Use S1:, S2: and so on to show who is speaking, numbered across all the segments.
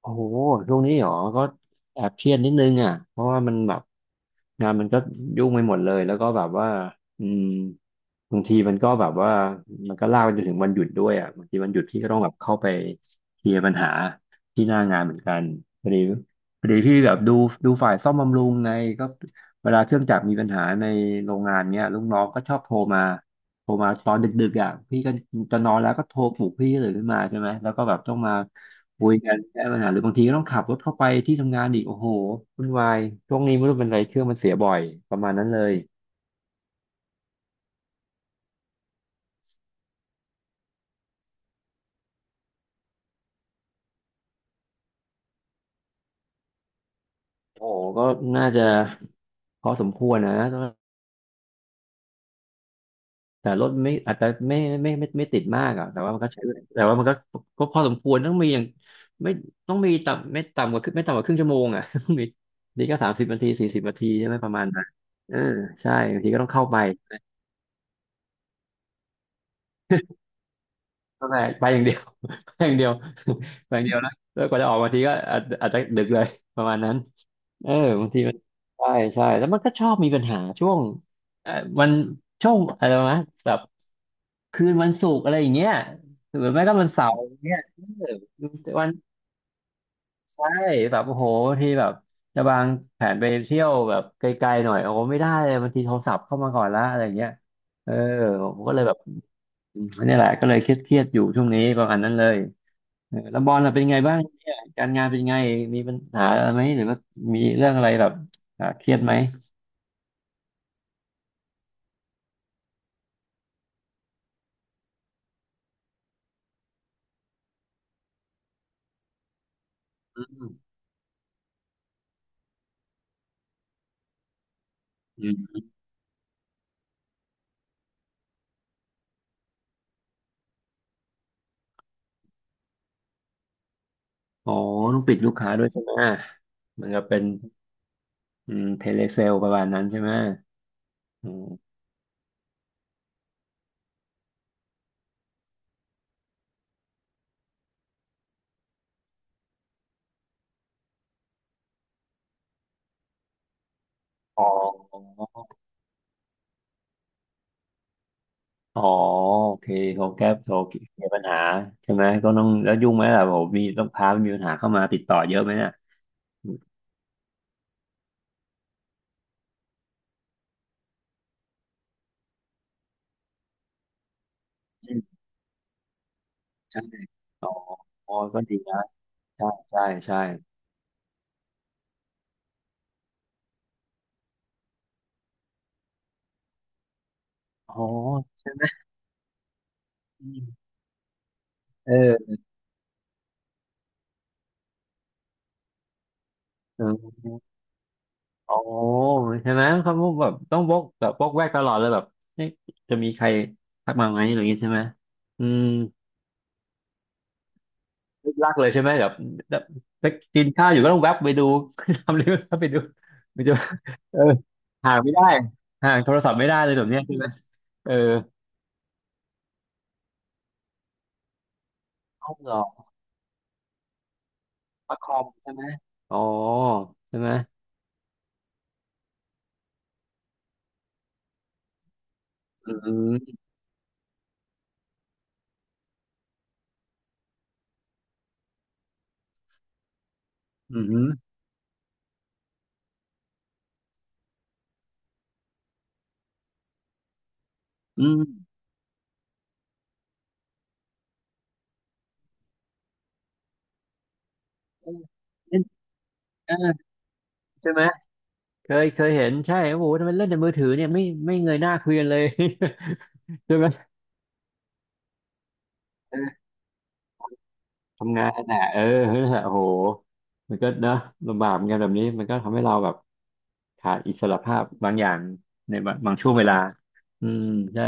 S1: โอ้โหช่วงนี้เหรอก็แอบเครียดนิดนึงอ่ะเพราะว่ามันแบบงานมันก็ยุ่งไปหมดเลยแล้วก็แบบว่าอืมบางทีมันก็แบบว่ามันก็ลากไปจนถึงวันหยุดด้วยอ่ะบางทีวันหยุดพี่ก็ต้องแบบเข้าไปเคลียร์ปัญหาที่หน้างานเหมือนกันพอดีพอดีพี่แบบดูฝ่ายซ่อมบำรุงไงก็เวลาเครื่องจักรมีปัญหาในโรงงานเนี้ยลูกน้องก็ชอบโทรมาตอนดึกๆอ่ะพี่ก็จะนอนแล้วก็โทรปลุกพี่ตื่นขึ้นมาใช่ไหมแล้วก็แบบต้องมา คุยกันแก้ปัญหาหรือบางทีก็ต้องขับรถเข้าไปที่ทำงานอีกโอ้โหวุ่นวายช่วงนี้ไม่รู้เป็นไรเครื่องมันเสียบ่อยประมาณนั้นเลยโอ้โหก็น่าจะพอสมควรนะแต่รถไม่อาจจะไม่ไม่ติดมากอ่ะแต่ว่ามันก็ใช้แต่ว่ามันก็ก็พอสมควรต้องมีอย่างไม่ต้องมีต่ำไม่ต่ำกว่าครึ่งไม่ต่ำกว่าครึ่งชั่วโมงอ่ะ ต้องมีนี่ก็30 นาที40 นาทีใช่ไหมประมาณนั้นเออใช่บางทีก็ต้องเข้าไปไปอย่างเดียว ไปอย่างเดียว ไปอย่างเดียวนะแล้วกว่าจะออกบางทีก็อาจจะดึกเลยประมาณนั้น เออบางทีมันใช่ใช่แล้วมันก็ชอบมีปัญหาช่วงเออวันช่วงอะไรนะแบบคืนวันศุกร์อะไรอย่างเงี้ยหรือไม่ก็วันเสาร์อย่างเงี้ยเออวันใช่แบบโอ้โหบางทีแบบจะวางแผนไปเที่ยวแบบไกลๆหน่อยโอ้โหไม่ได้เลยบางทีโทรศัพท์เข้ามาก่อนละอะไรอย่างเงี้ยเออผมก็เลยแบบนี่แหละก็เลยเครียดๆอยู่ช่วงนี้ประมาณนั้นเลยเออแล้วบอลล่ะเป็นไงบ้างเนี่ยการงานเป็นไงมีปัญหาอะไรไหมหรือว่ามีเรื่องอะไรแบบเครียดไหม อืมอืมอ๋อต้องปิดลูกค้าด้วยใช่ไหมเหมือนกับเป็นอืมเทเลเซลประมาณนั้นใช่ไหมอืมอ๋ออ๋อโอเคเขาแก้โทรเคลียร์ปัญหาใช่ไหมก็ต้องแล้วยุ่งไหมล่ะผมมีต้องพามีปัญหาเข้ามาติดต่อเยอะไหมเนี่ยอืมใช่อ๋ออ๋อก็ดีนะใช่ ใช่ ใช่อ๋อใช่ไหมเออเออ อ๋อใช่ไหมเขาแบบต้องวกแบบวกแวกตลอดเลยแบบเอ๊ะจะมีใครทักมาไหมอะไรอย่างงี้ใช่ไหมอืมลึกลักเลยใช่ไหมแบบแบบไปกินข้าวอยู่ก็ต้องแวบไปดู ทำเลยก็ไปดูไปดูเออห่างไม่ได้ห่างโทรศัพท์ไม่ได้เลยแบบเนี้ยใช่ไหมเออต้องหรอประคอมใช่ไหมอ๋อใช่ไหมอืมอืมอืมเออเล่นเออใช่ไหมเคยเห็นใช่โอ้โหทำไมเล่นแต่มือถือเนี่ยไม่เงยหน้าคุยกันเลย ใช่ไหมเออทำงานน่ะเออนั่นโอ้โหมันก็เนอะลำบากเหมือนกันแบบนี้มันก็ทำให้เราแบบขาดอิสระภาพบางอย่างในบางช่วงเวลาอืมใช่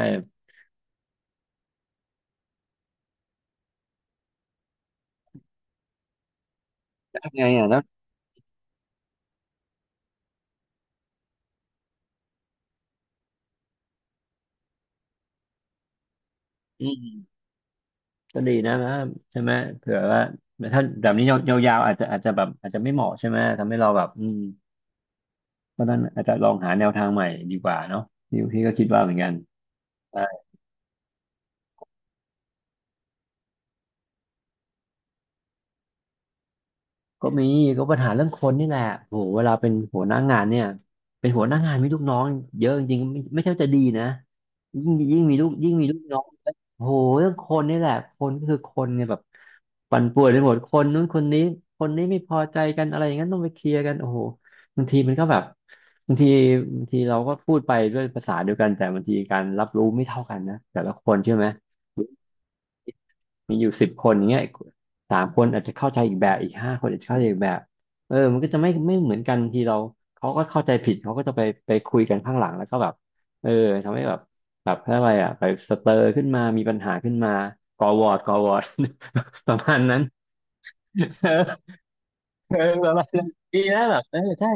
S1: แล้วทำไงอ่ะแล้วอืมก็ดีนะใช่ไหมเผื่อว่าถ้าแบบนี้ยาวๆอาจจะแบบอาจจะไม่เหมาะใช่ไหมทำให้เราแบบอืมเพราะฉะนั้นอาจจะลองหาแนวทางใหม่ดีกว่าเนาะพี่ก็คิดว่าเหมือนกัน ก็มีก็ปัญหาเรื่องคนนี่แหละโหเวลาเป็นหัวหน้างานเนี่ยเป็นหัวหน้างานมีลูกน้องเยอะจริงๆไม่ใช่ว่าจะดีนะยิ่งยิ่งมีลูกน้องโหเรื่องคนนี่แหละคนก็คือคนเนี่ยแบบปั่นป่วนไปหมดคนนู้นคนนี้คนนี้ไม่พอใจกันอะไรอย่างนั้นต้องไปเคลียร์กันโอ้โหบางทีมันก็แบบบางทีบางทีเราก็พูดไปด้วยภาษาเดียวกันแต่บางทีการรับรู้ไม่เท่ากันนะแต่ละคนใช่ไหม มีอยู่10 คนอย่างเงี้ยสามคนอาจจะเข้าใจอีกแบบอีก5 คนอาจจะเข้าใจอีกแบบเออมันก็จะไม่เหมือนกันทีเราเขาก็เข้าใจผิดเขาก็จะไปไปคุยกันข้างหลังแล้วก็แบบเออทำให้แบบแบบอะไรอ่ะไปสเตอร์ขึ้นมามีปัญหาขึ้นมาก่อวอร์ด ประมาณนั้น เออแบบว่าดีนะแบบเออใช่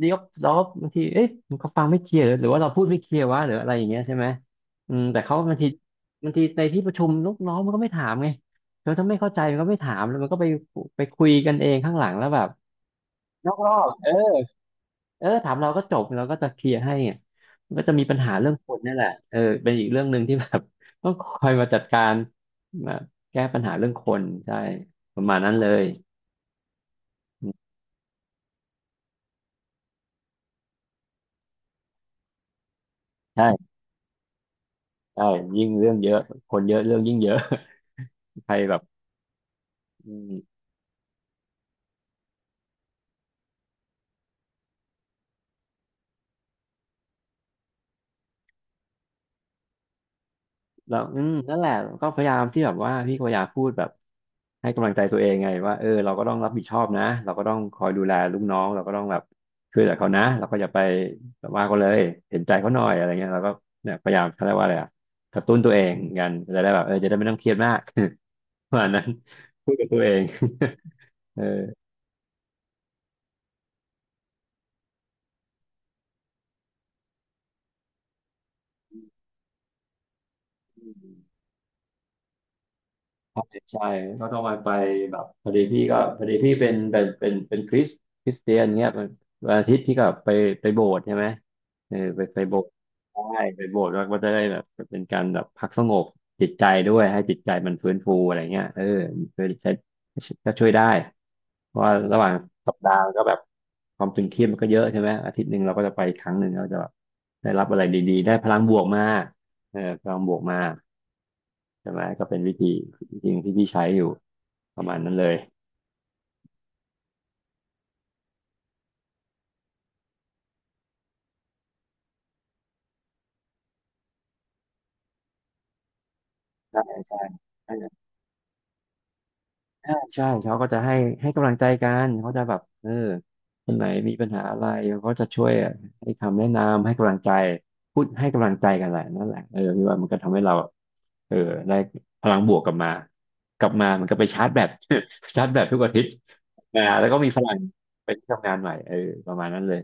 S1: ดีก็เราก็บางทีเอ๊ะมันก็ฟังไม่เคลียร์หรือว่าเราพูดไม่เคลียร์วะหรืออะไรอย่างเงี้ยใช่ไหมอืมแต่เขาบางทีในที่ประชุมลูกน้องมันก็ไม่ถามไงแล้วถ้าไม่เข้าใจมันก็ไม่ถามแล้วมันก็ไปคุยกันเองข้างหลังแล้วแบบนอกรอบเออเออถามเราก็จบเราก็จะเคลียร์ให้อ่ะมันก็จะมีปัญหาเรื่องคนนี่แหละเออเป็นอีกเรื่องหนึ่งที่แบบ ต้องคอยมาจัดการมาแก้ปัญหาเรื่องคนใช่ประมาณนั้นเลยใช่ ใช่ยิ่งเรื่องเยอะคนเยอะเรื่องยิ่งเยอะ ใครแบบอืมแล้วอืมนั่นแหละก็พยายามที่แบบว่าพี่ก็พยายามพูดแบบให้กำลังใจตัวเองไงว่าเออเราก็ต้องรับผิดชอบนะเราก็ต้องคอยดูแลลูกน้องเราก็ต้องแบบช่วยเหลือเขานะเราก็อย่าไปแบบว่าเขาเลยเห็นใจเขาหน่อยอะไรเงี้ยเราก็เนี่ยพยายามเขาเรียกว่าอะไรอะกระตุ้นตัวเองกันจะได้แบบเออจะได้ไม่ต้องเครียดมาก ประมาณนั้นพูดกับตัวเอง เออ ใช่ใช่ก็ต้องไปแบบพอดีพี่ก็พอดีพี่เป็นคริสเตียนเงี้ยมันวันอาทิตย์พี่ก็ไปโบสถ์ใช่ไหมเออไปโบสถ์ใช่ไปโบสถ์แล้วก็จะได้แบบเป็นการแบบพักสงบจิตใจด้วยให้จิตใจมันฟื้นฟูอะไรเงี้ยเออช่วยใช้ก็ช่วยได้เพราะว่าระหว่างสัปดาห์ก็แบบความตึงเครียดมันก็เยอะใช่ไหมอาทิตย์หนึ่งเราก็จะไปครั้งหนึ่งเราจะแบบได้รับอะไรดีๆได้พลังบวกมาเออพลังบวกมา ใช่ไหมก็เป็นวิธีจริงที่พี่ใช้อยู่ประมาณนั้นเลยใช่ใช่ใช่ใช่ใช่เขาก็จะให้กำลังใจกันเขาจะแบบเออคนไหนมีปัญหาอะไรเขาก็จะช่วยให้คำแนะนำให้กำลังใจพูดให้กำลังใจกันแหละนั่นแหละเออพี่ว่ามันก็ทำให้เราเออได้พลังบวกกลับมามันก็ไปชาร์จแบต ชาร์จแบตทุกอาทิตย์อ่าแล้วก็มีพลังไปที่ทำงานใหม่เออประมาณนั้นเลย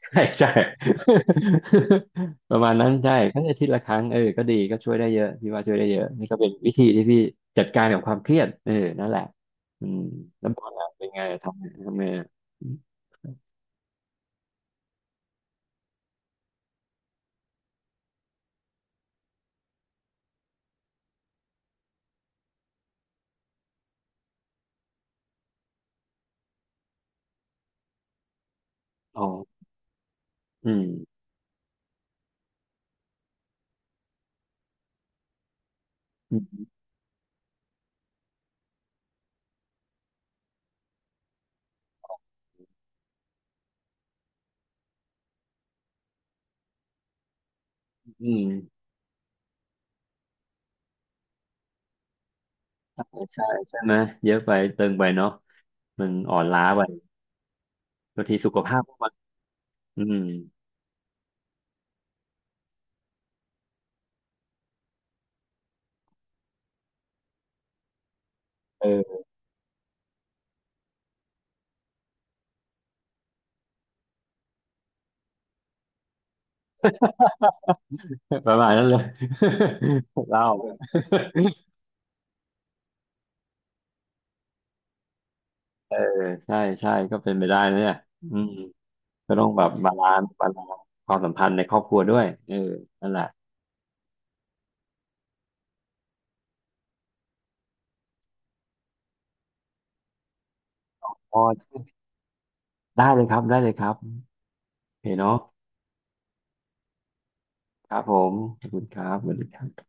S1: ใช่ใช่ ประมาณนั้นใช่ทั้งอาทิตย์ละครั้งเออก็ดีก็ช่วยได้เยอะพี่ว่าช่วยได้เยอะนี่ก็เป็นวิธีที่พี่จัดการกับความเครียดเออนั่นแหละอืมแล้วบอลอะเป็นไงทำไงอะอ๋ออืมอืมอืมใช่ใช่ใช่ไหมเยอะไปเติมไปเนาะมันอ่อนล้าไปบางทีสุขภาพก็มนอืมเออประมาณนั้นเลย เล่า เออใช่ใช่ก็เป็นไปได้นะเนี่ยอืม ก็ต้องแบบบาลานซ์ความสัมพันธ์ในครอบครัวด้วยเออนั่นแหละพอได้เลยครับได้เลยครับโอเคเนาะครับผมขอบคุณครับสวัสดีครับ